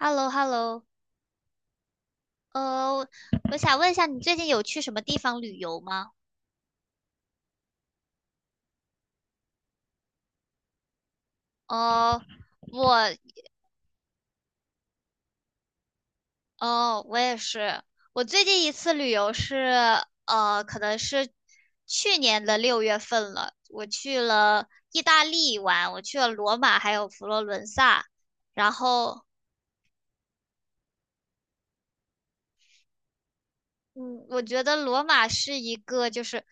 h e l l o h e l l o 呃，我想问一下，你最近有去什么地方旅游吗？哦，我，哦，我也是，我最近一次旅游是，可能是去年的六月份了，我去了意大利玩，我去了罗马还有佛罗伦萨，然后嗯，我觉得罗马是一个就是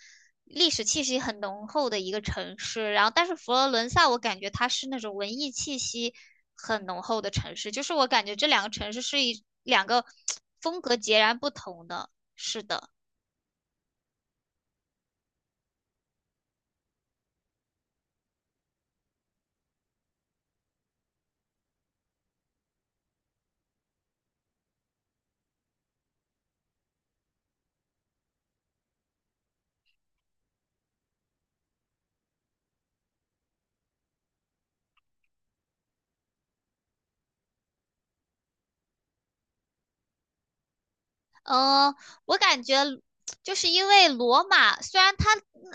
历史气息很浓厚的一个城市，然后但是佛罗伦萨我感觉它是那种文艺气息很浓厚的城市，就是我感觉这两个城市是一两个 风格截然不同的。是的。嗯，我感觉就是因为罗马，虽然它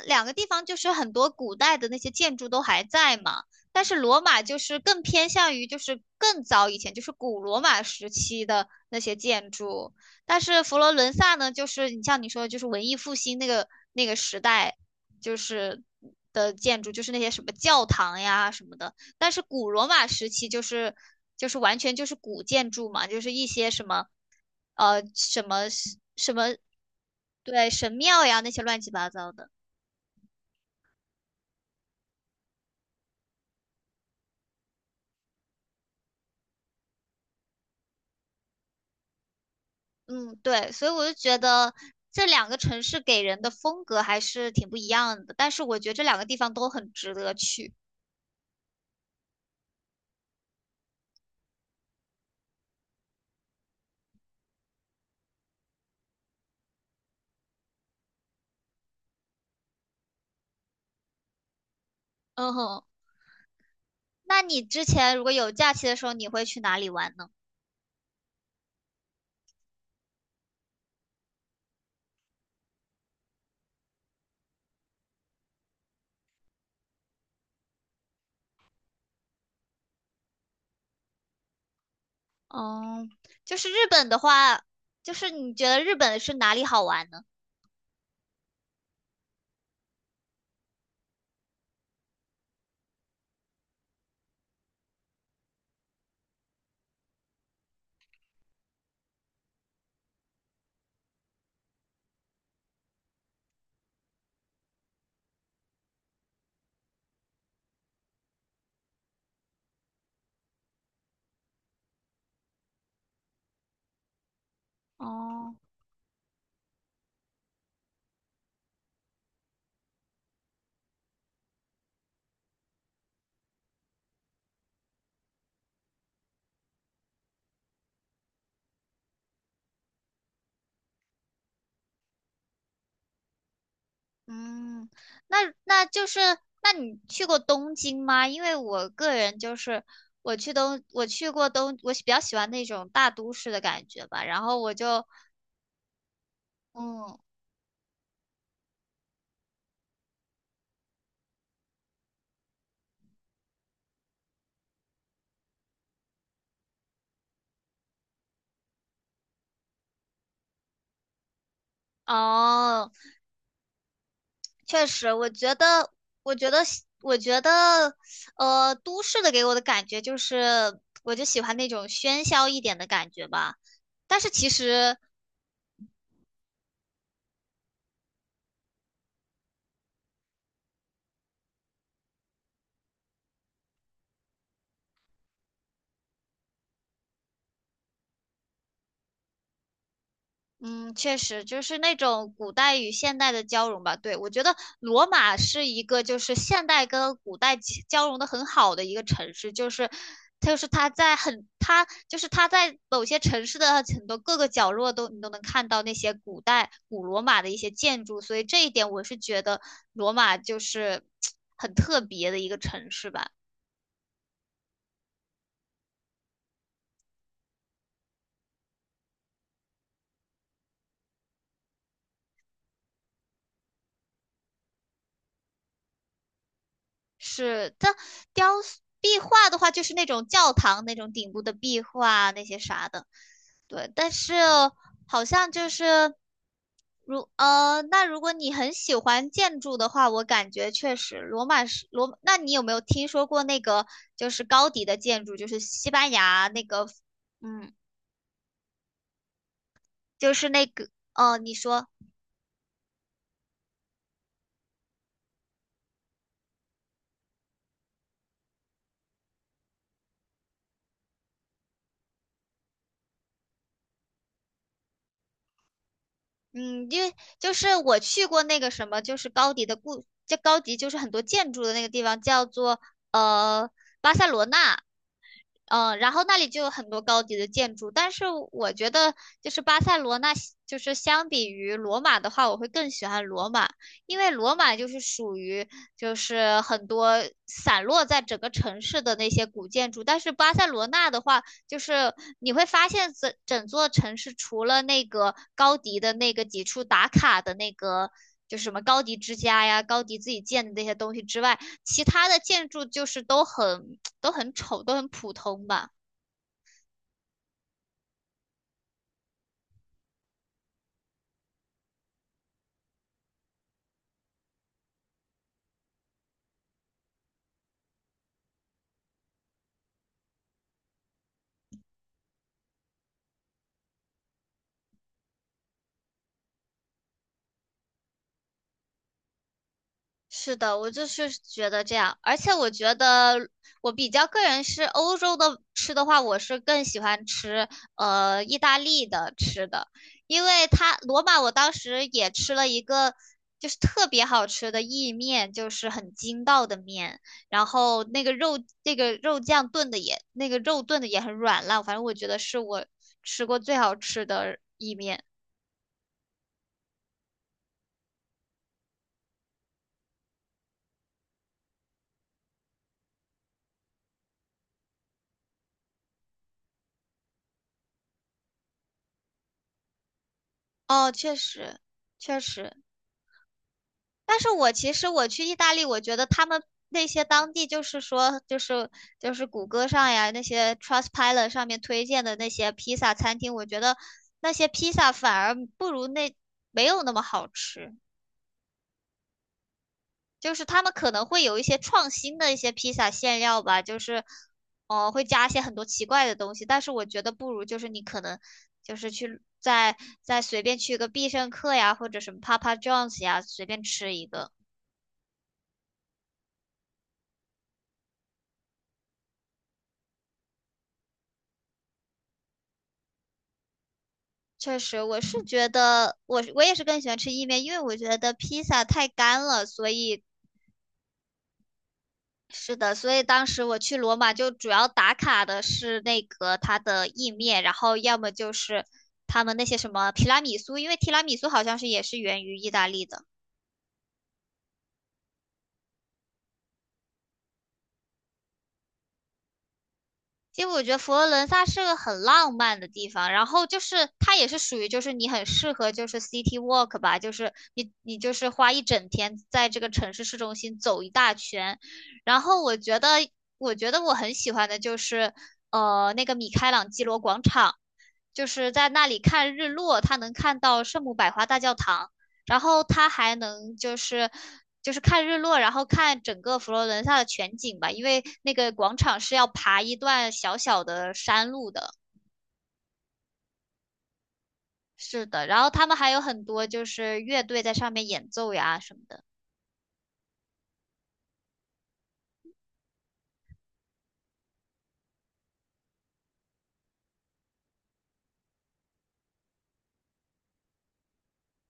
两个地方就是很多古代的那些建筑都还在嘛，但是罗马就是更偏向于就是更早以前，就是古罗马时期的那些建筑。但是佛罗伦萨呢，就是你像你说的，就是文艺复兴那个时代，就是的建筑，就是那些什么教堂呀什么的，但是古罗马时期就是就是完全就是古建筑嘛，就是一些什么什么什么对神庙呀那些乱七八糟的。嗯，对，所以我就觉得这两个城市给人的风格还是挺不一样的，但是我觉得这两个地方都很值得去。嗯哼，那你之前如果有假期的时候，你会去哪里玩呢？嗯，就是日本的话，就是你觉得日本是哪里好玩呢？哦。嗯，那那就是，那你去过东京吗？因为我个人就是，我去东，我去过东，我比较喜欢那种大都市的感觉吧。然后我就，嗯，哦，确实，我觉得，我觉得喜我觉得，都市的给我的感觉就是，我就喜欢那种喧嚣一点的感觉吧。但是其实。嗯，确实就是那种古代与现代的交融吧。对，我觉得罗马是一个就是现代跟古代其交融的很好的一个城市，就是就是它在很它就是它在某些城市的很多各个角落都你都能看到那些古代古罗马的一些建筑，所以这一点我是觉得罗马就是很特别的一个城市吧。是，它雕塑壁画的话就是那种教堂那种顶部的壁画啊那些啥的。对，但是好像就是如那如果你很喜欢建筑的话，我感觉确实罗马是罗，那你有没有听说过那个就是高迪的建筑，就是西班牙那个，嗯，就是那个哦，你说，嗯，因为就是我去过那个什么，就是高迪的故，这高迪就是很多建筑的那个地方叫做呃巴塞罗那。嗯，然后那里就有很多高级的建筑，但是我觉得就是巴塞罗那，就是相比于罗马的话，我会更喜欢罗马，因为罗马就是属于就是很多散落在整个城市的那些古建筑，但是巴塞罗那的话，就是你会发现整整座城市除了那个高迪的那个几处打卡的那个。就是什么高迪之家呀，高迪自己建的那些东西之外，其他的建筑就是都很都很丑，都很普通吧。是的，我就是觉得这样，而且我觉得我比较个人是欧洲的吃的话，我是更喜欢吃意大利的吃的，因为它罗马我当时也吃了一个就是特别好吃的意面，就是很筋道的面，然后那个肉那个肉酱炖的也那个肉炖的也很软烂，反正我觉得是我吃过最好吃的意面。哦，确实，确实。但是我其实我去意大利，我觉得他们那些当地就是说，就是就是谷歌上呀，那些 Trustpilot 上面推荐的那些披萨餐厅，我觉得那些披萨反而不如那没有那么好吃。就是他们可能会有一些创新的一些披萨馅料吧，就是会加一些很多奇怪的东西，但是我觉得不如就是你可能就是去再再随便去个必胜客呀，或者什么 Papa John's 呀，随便吃一个。确实，我是觉得我我也是更喜欢吃意面，因为我觉得披萨太干了，所以是的，所以当时我去罗马就主要打卡的是那个它的意面，然后要么就是他们那些什么提拉米苏，因为提拉米苏好像是也是源于意大利的。其实我觉得佛罗伦萨是个很浪漫的地方，然后就是它也是属于就是你很适合就是 city walk 吧，就是你你就是花一整天在这个城市市中心走一大圈，然后我觉得我觉得我很喜欢的就是那个米开朗基罗广场。就是在那里看日落，他能看到圣母百花大教堂，然后他还能就是就是看日落，然后看整个佛罗伦萨的全景吧，因为那个广场是要爬一段小小的山路的。是的，然后他们还有很多就是乐队在上面演奏呀什么的。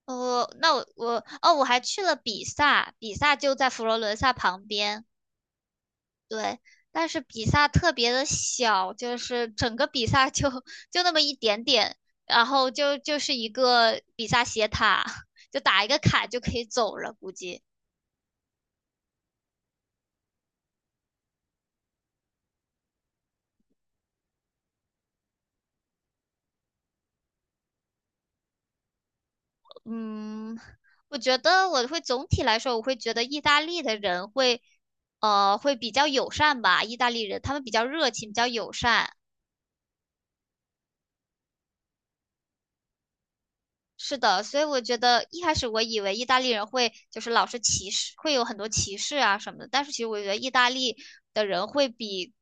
哦，那我我哦，我还去了比萨，比萨就在佛罗伦萨旁边。对，但是比萨特别的小，就是整个比萨就 就那么一点点，然后就就是一个比萨斜塔，就打一个卡就可以走了，估计。嗯，我觉得我会总体来说，我会觉得意大利的人会，会比较友善吧，意大利人他们比较热情，比较友善。是的，所以我觉得一开始我以为意大利人会就是老是歧视，会有很多歧视啊什么的，但是其实我觉得意大利的人会比，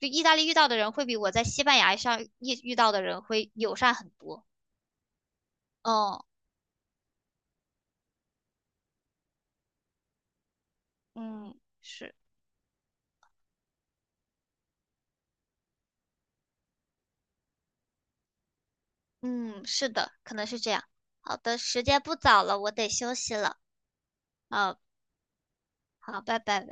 就意大利遇到的人会比我在西班牙上遇遇到的人会友善很多。哦，嗯，是，嗯，是的，可能是这样。好的，时间不早了，我得休息了。啊，好，拜拜。